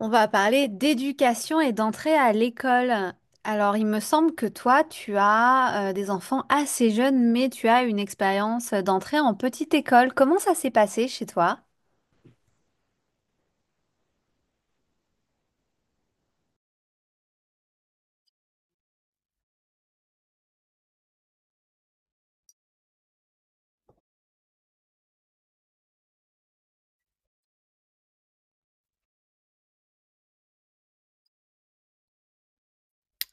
On va parler d'éducation et d'entrée à l'école. Alors, il me semble que toi, tu as des enfants assez jeunes, mais tu as une expérience d'entrée en petite école. Comment ça s'est passé chez toi?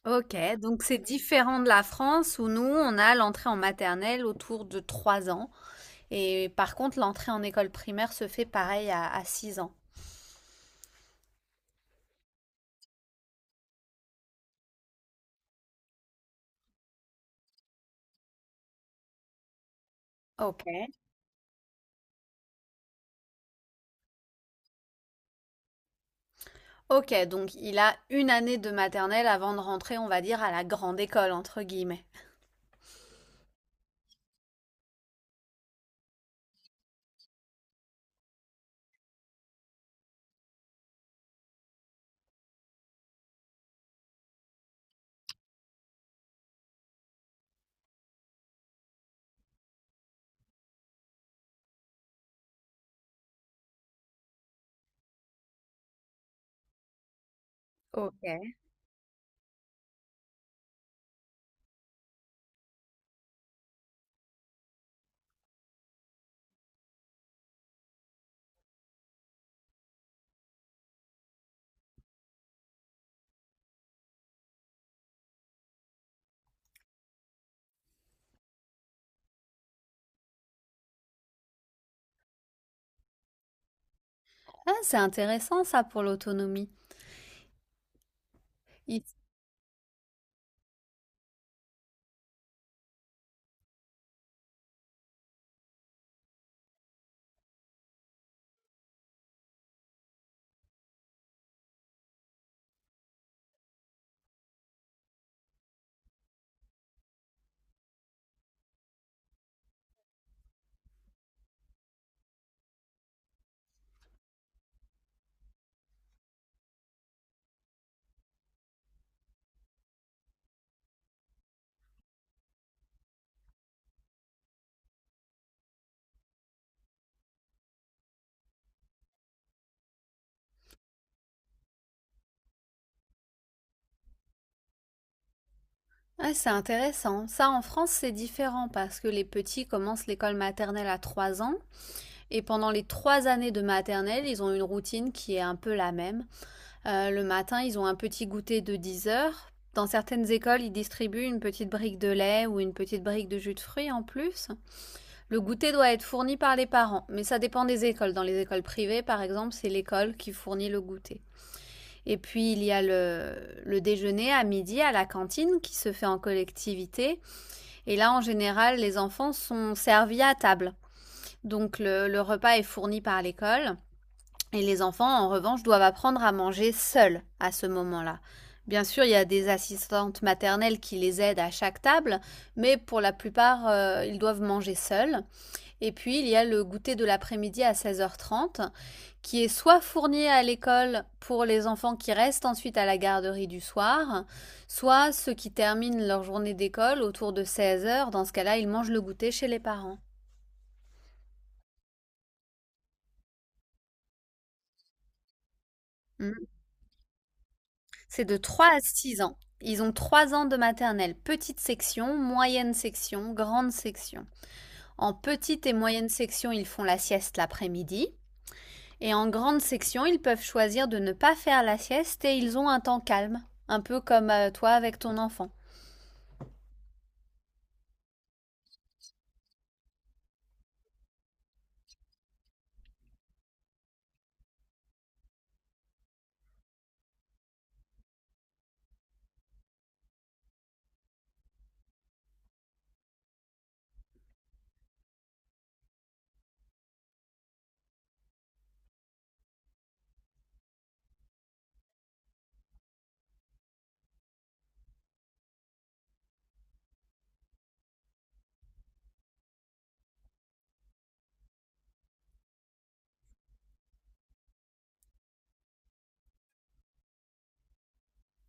Ok, donc c'est différent de la France où nous, on a l'entrée en maternelle autour de 3 ans. Et par contre, l'entrée en école primaire se fait pareil à 6 ans. Ok. Ok, donc il a une année de maternelle avant de rentrer, on va dire, à la grande école, entre guillemets. Ok. Ah, c'est intéressant ça pour l'autonomie. Il- Ah, c'est intéressant. Ça, en France, c'est différent parce que les petits commencent l'école maternelle à 3 ans et pendant les 3 années de maternelle, ils ont une routine qui est un peu la même. Le matin, ils ont un petit goûter de 10 heures. Dans certaines écoles, ils distribuent une petite brique de lait ou une petite brique de jus de fruits en plus. Le goûter doit être fourni par les parents, mais ça dépend des écoles. Dans les écoles privées, par exemple, c'est l'école qui fournit le goûter. Et puis il y a le déjeuner à midi à la cantine qui se fait en collectivité. Et là, en général, les enfants sont servis à table. Donc le repas est fourni par l'école. Et les enfants, en revanche, doivent apprendre à manger seuls à ce moment-là. Bien sûr, il y a des assistantes maternelles qui les aident à chaque table, mais pour la plupart, ils doivent manger seuls. Et puis, il y a le goûter de l'après-midi à seize heures trente qui est soit fourni à l'école pour les enfants qui restent ensuite à la garderie du soir, soit ceux qui terminent leur journée d'école autour de 16 heures. Dans ce cas-là, ils mangent le goûter chez les parents. Mm. C'est de 3 à 6 ans. Ils ont 3 ans de maternelle, petite section, moyenne section, grande section. En petite et moyenne section, ils font la sieste l'après-midi. Et en grande section, ils peuvent choisir de ne pas faire la sieste et ils ont un temps calme, un peu comme toi avec ton enfant.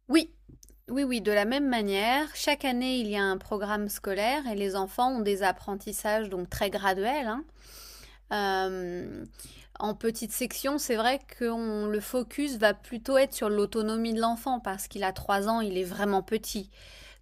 Oui, oui, oui, de la même manière, chaque année, il y a un programme scolaire et les enfants ont des apprentissages donc très graduels, hein. Euh, en petite section, c'est vrai que le focus va plutôt être sur l'autonomie de l'enfant parce qu'il a trois ans, il est vraiment petit.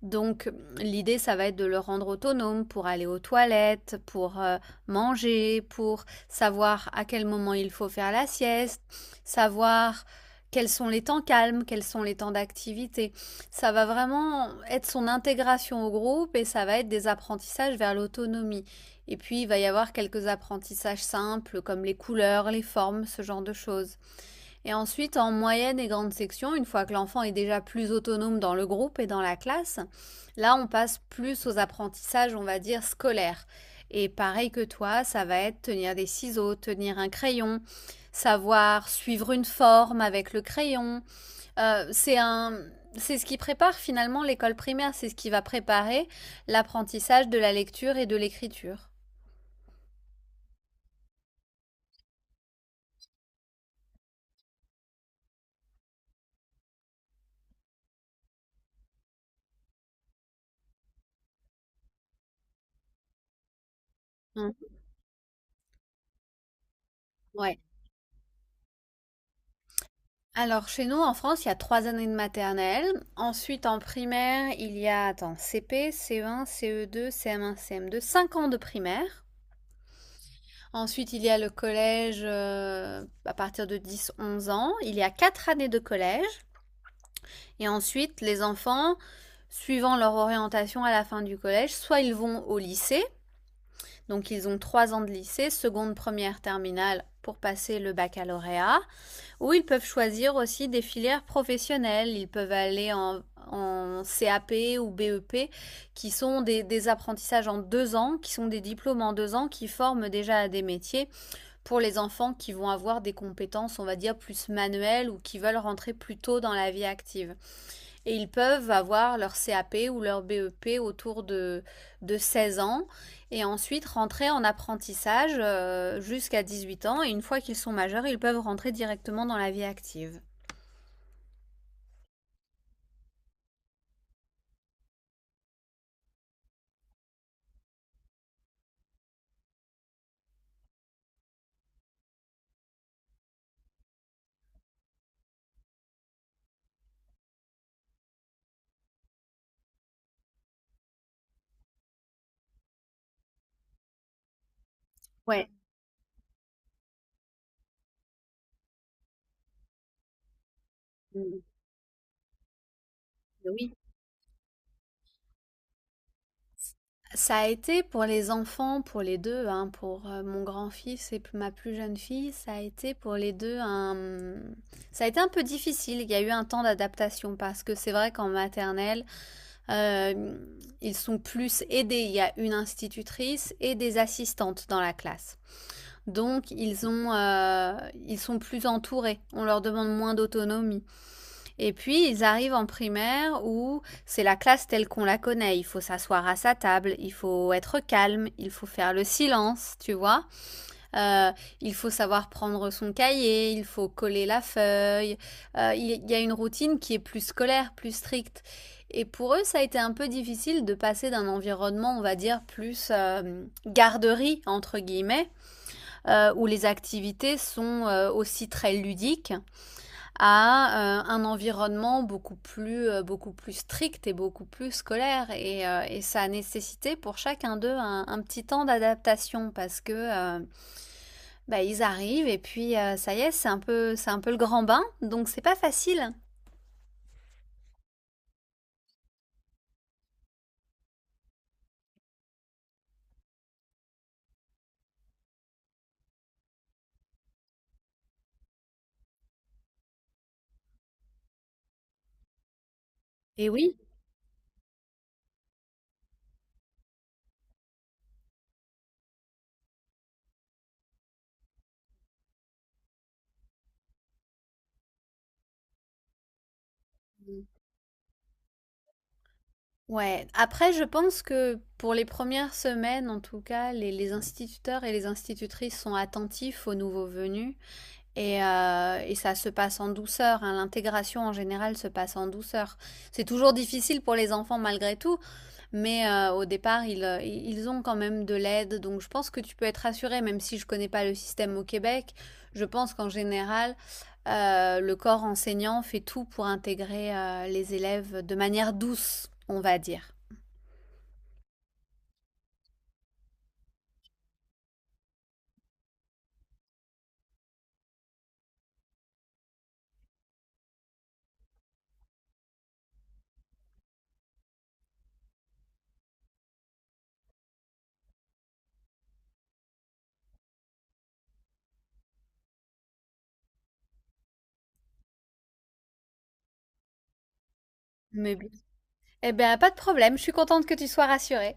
Donc l'idée, ça va être de le rendre autonome pour aller aux toilettes, pour manger, pour savoir à quel moment il faut faire la sieste, savoir quels sont les temps calmes, quels sont les temps d'activité. Ça va vraiment être son intégration au groupe et ça va être des apprentissages vers l'autonomie. Et puis il va y avoir quelques apprentissages simples comme les couleurs, les formes, ce genre de choses. Et ensuite, en moyenne et grande section, une fois que l'enfant est déjà plus autonome dans le groupe et dans la classe, là, on passe plus aux apprentissages, on va dire, scolaires. Et pareil que toi, ça va être tenir des ciseaux, tenir un crayon, savoir suivre une forme avec le crayon. Euh, c'est un, c'est ce qui prépare finalement l'école primaire, c'est ce qui va préparer l'apprentissage de la lecture et de l'écriture. Ouais. Alors, chez nous, en France, il y a trois années de maternelle. Ensuite, en primaire, il y a, attends, CP, CE1, CE2, CM1, CM2, 5 ans de primaire. Ensuite, il y a le collège à partir de dix onze ans. Il y a quatre années de collège. Et ensuite, les enfants, suivant leur orientation à la fin du collège, soit ils vont au lycée. Donc, ils ont trois ans de lycée, seconde, première, terminale pour passer le baccalauréat. Ou ils peuvent choisir aussi des filières professionnelles. Ils peuvent aller en CAP ou BEP, qui sont des apprentissages en deux ans, qui sont des diplômes en deux ans, qui forment déjà à des métiers pour les enfants qui vont avoir des compétences, on va dire, plus manuelles ou qui veulent rentrer plus tôt dans la vie active. Et ils peuvent avoir leur CAP ou leur BEP autour de 16 ans et ensuite rentrer en apprentissage jusqu'à 18 ans. Et une fois qu'ils sont majeurs, ils peuvent rentrer directement dans la vie active. Ouais. Ça a été pour les enfants, pour les deux, hein, pour mon grand-fils et ma plus jeune fille, ça a été pour les deux un... Ça a été un peu difficile, il y a eu un temps d'adaptation parce que c'est vrai qu'en maternelle, Euh, ils sont plus aidés. Il y a une institutrice et des assistantes dans la classe. Donc ils ils sont plus entourés. On leur demande moins d'autonomie. Et puis ils arrivent en primaire où c'est la classe telle qu'on la connaît. Il faut s'asseoir à sa table, il faut être calme, il faut faire le silence, tu vois. Euh, il faut savoir prendre son cahier, il faut coller la feuille. Il y a une routine qui est plus scolaire, plus stricte. Et pour eux, ça a été un peu difficile de passer d'un environnement, on va dire, plus garderie, entre guillemets, où les activités sont aussi très ludiques, à un environnement beaucoup plus strict et beaucoup plus scolaire. Et ça a nécessité pour chacun d'eux un petit temps d'adaptation parce que euh, bah, ils arrivent et puis ça y est, c'est un peu le grand bain, donc c'est pas facile. Et oui. Mmh. Ouais, après je pense que pour les premières semaines, en tout cas, les instituteurs et les institutrices sont attentifs aux nouveaux venus et ça se passe en douceur, hein. L'intégration en général se passe en douceur. C'est toujours difficile pour les enfants malgré tout, mais au départ, ils ont quand même de l'aide, donc je pense que tu peux être rassurée. Même si je ne connais pas le système au Québec. Je pense qu'en général, le corps enseignant fait tout pour intégrer les élèves de manière douce, on va dire. Mais bien. Eh bien, pas de problème, je suis contente que tu sois rassurée.